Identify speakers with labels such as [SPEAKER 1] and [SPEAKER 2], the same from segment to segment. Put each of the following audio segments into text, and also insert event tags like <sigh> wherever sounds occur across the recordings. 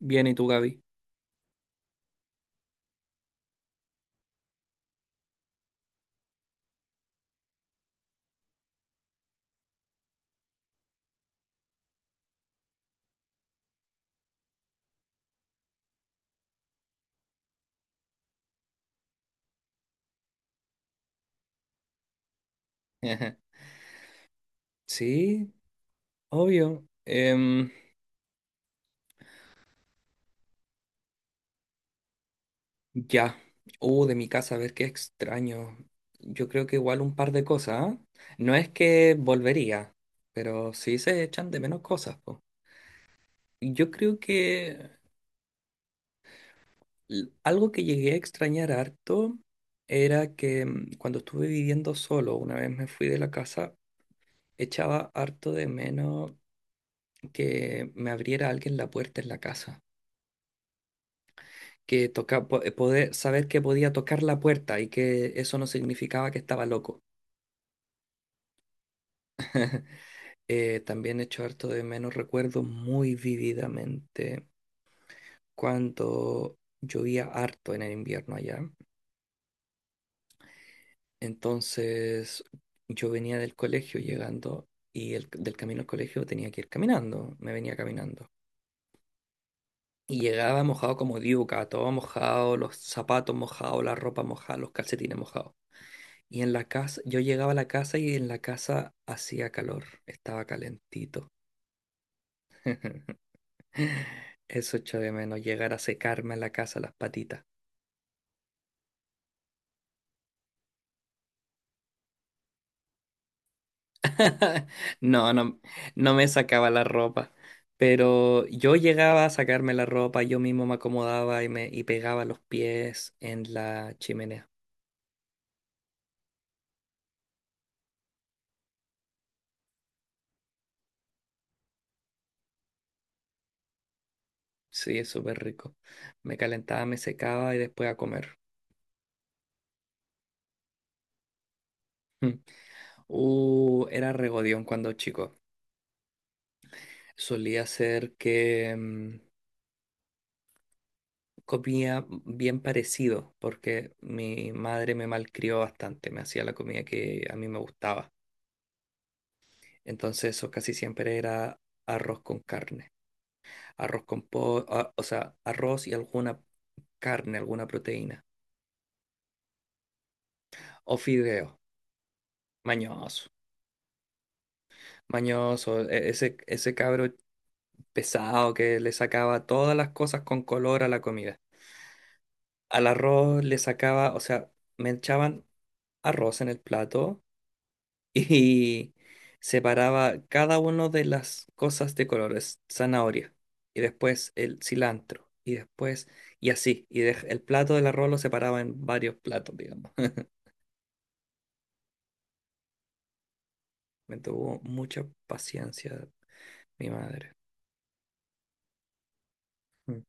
[SPEAKER 1] Bien, ¿y tú, Gaby? Ajá. Sí, obvio. Ya. De mi casa, a ver qué extraño. Yo creo que igual un par de cosas, ¿ah? No es que volvería, pero sí se echan de menos cosas, po. Yo creo que algo que llegué a extrañar harto era que cuando estuve viviendo solo, una vez me fui de la casa, echaba harto de menos que me abriera alguien la puerta en la casa. Que toca, poder, saber que podía tocar la puerta y que eso no significaba que estaba loco. También echo harto de menos, recuerdo muy vividamente cuando llovía harto en el invierno allá. Entonces yo venía del colegio llegando y del camino al colegio tenía que ir caminando, me venía caminando. Y llegaba mojado como diuca, todo mojado, los zapatos mojados, la ropa mojada, los calcetines mojados. Y en la casa, yo llegaba a la casa y en la casa hacía calor, estaba calentito. <laughs> Eso echo de menos, llegar a secarme en la casa las patitas. <laughs> No, no, no me sacaba la ropa, pero yo llegaba a sacarme la ropa, yo mismo me acomodaba y pegaba los pies en la chimenea. Sí, es súper rico. Me calentaba, me secaba y después a comer. <laughs> Mm. Era regodión cuando chico. Solía ser que comía bien parecido, porque mi madre me malcrió bastante, me hacía la comida que a mí me gustaba. Entonces eso casi siempre era arroz con carne, arroz con pollo, o sea, arroz y alguna carne, alguna proteína, o fideo, mañoso, mañoso, ese cabro pesado que le sacaba todas las cosas con color a la comida. Al arroz le sacaba, o sea, me echaban arroz en el plato <laughs> y separaba cada uno de las cosas de colores, zanahoria, y después el cilantro, y después, y así, y el plato del arroz lo separaba en varios platos, digamos. <laughs> Me tuvo mucha paciencia mi madre. Mm.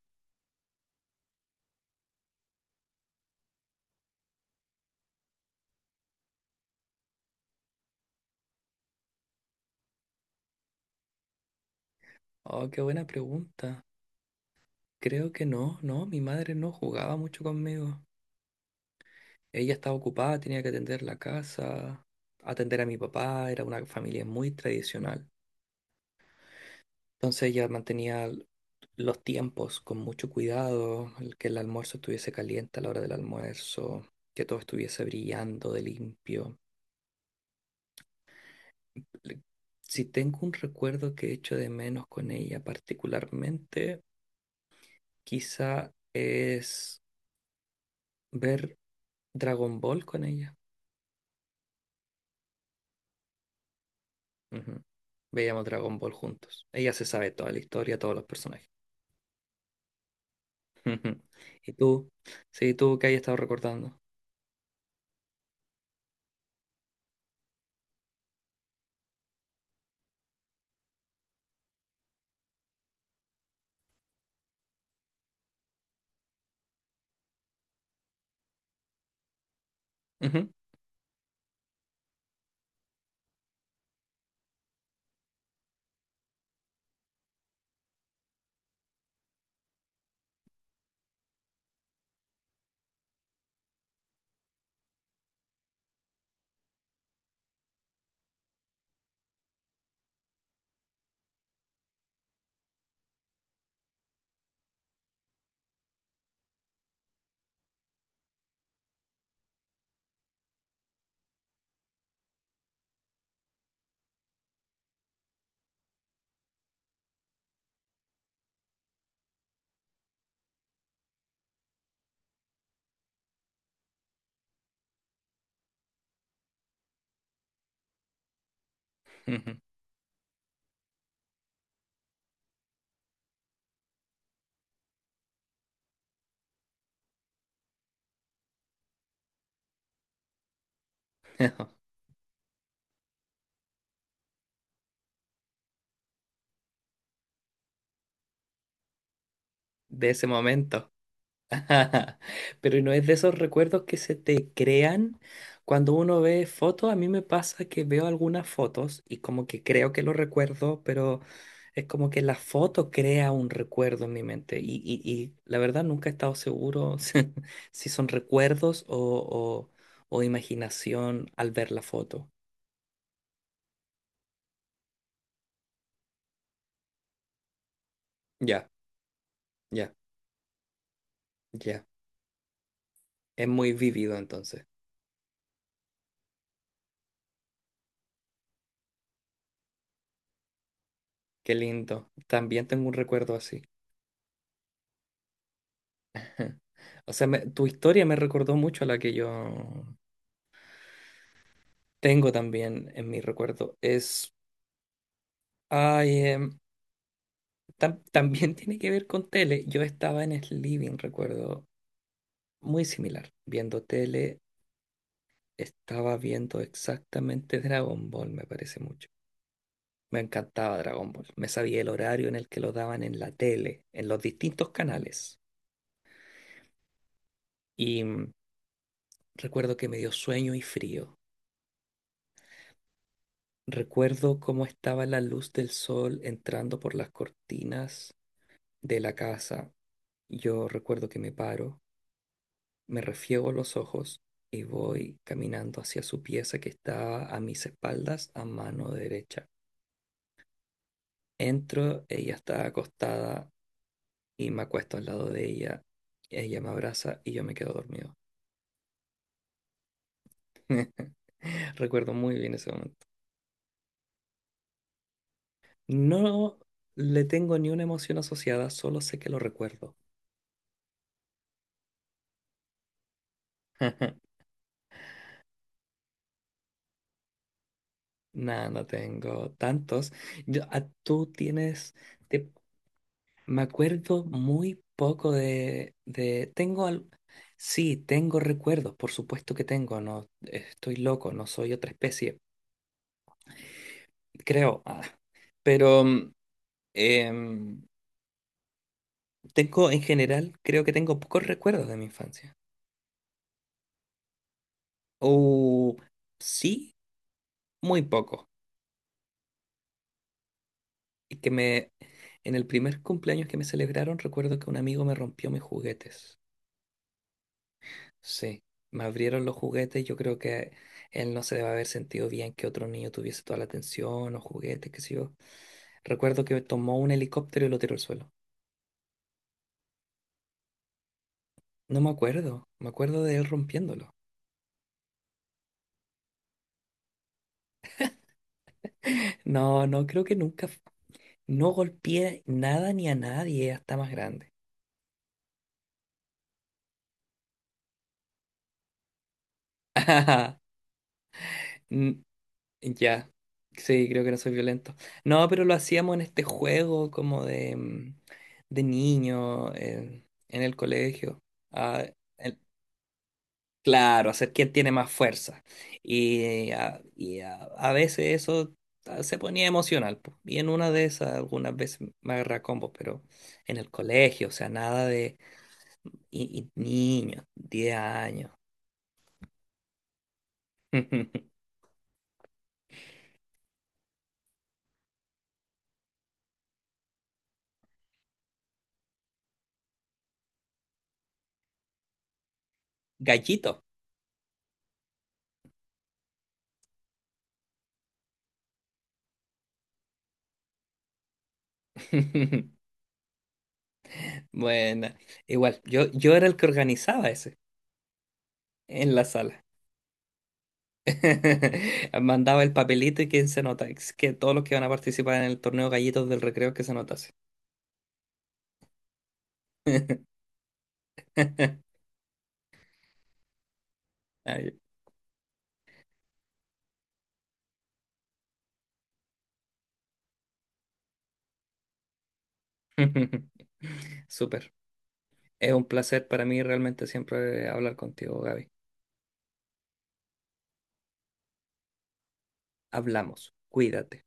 [SPEAKER 1] Oh, qué buena pregunta. Creo que no, no, mi madre no jugaba mucho conmigo. Ella estaba ocupada, tenía que atender la casa, atender a mi papá, era una familia muy tradicional. Entonces ella mantenía los tiempos con mucho cuidado, el que el almuerzo estuviese caliente a la hora del almuerzo, que todo estuviese brillando de limpio. Le- Si tengo un recuerdo que echo de menos con ella particularmente, quizá es ver Dragon Ball con ella. Ujú. Veíamos Dragon Ball juntos. Ella se sabe toda la historia, todos los personajes. Ujú. ¿Y tú? Sí, tú que hayas estado recordando. Ujú. Ujú. <laughs> De ese momento. <laughs> Pero no es de esos recuerdos que se te crean cuando uno ve fotos. A mí me pasa que veo algunas fotos y como que creo que lo recuerdo, pero es como que la foto crea un recuerdo en mi mente. Y la verdad nunca he estado seguro <laughs> si, si son recuerdos o imaginación al ver la foto. Ya, ya, ya. Es muy vivido entonces. Qué lindo. También tengo un recuerdo así. O sea, tu historia me recordó mucho a la que yo tengo también en mi recuerdo. Es. Ay, también <laughs> tiene que ver con tele. Yo estaba en el living, recuerdo, muy similar. Viendo tele, estaba viendo exactamente Dragon Ball, me parece mucho. Me encantaba Dragon Ball. Me sabía el horario en el que lo daban en la tele, en los distintos canales. Y recuerdo que me dio sueño y frío. Recuerdo cómo estaba la luz del sol entrando por las cortinas de la casa. Yo recuerdo que me paro, me refiego los ojos y voy caminando hacia su pieza que está a mis espaldas, a mano derecha. Entro, ella está acostada y me acuesto al lado de ella. Ella me abraza y yo me quedo dormido. <laughs> Recuerdo muy bien ese momento. No le tengo ni una emoción asociada, solo sé que lo recuerdo. <laughs> Nada, no tengo tantos. Tú tienes, te- me acuerdo muy poco de, sí, tengo recuerdos, por supuesto que tengo, no estoy loco, no soy otra especie, creo. Pero em, tengo en general, creo que tengo pocos recuerdos de mi infancia. O sí, muy pocos. Y que me, en el primer cumpleaños que me celebraron, recuerdo que un amigo me rompió mis juguetes. Sí, me abrieron los juguetes. Yo creo que él no se debe haber sentido bien que otro niño tuviese toda la atención o juguetes, qué sé yo. Recuerdo que tomó un helicóptero y lo tiró al suelo. No me acuerdo, me acuerdo de él rompiéndolo. No, no, creo que nunca. No golpeé nada ni a nadie hasta más grande. <laughs> Mm, Ya, sí, creo que no soy violento. No, pero lo hacíamos en este juego como de, de niño, en el colegio. Ah, el Claro, hacer quién tiene más fuerza. A veces eso se ponía emocional, po. Y en una de esas, algunas veces me agarra a combos, pero en el colegio, o sea, nada de, y niños, 10 años. <laughs> Gallito. <laughs> Bueno, igual, yo era el que organizaba ese en la sala. <laughs> Mandaba el papelito y quién se nota, es que todos los que van a participar en el torneo Gallitos del Recreo que se notase. <laughs> Ah, <laughs> Súper. Es un placer para mí realmente siempre hablar contigo, Gaby. Hablamos. Cuídate.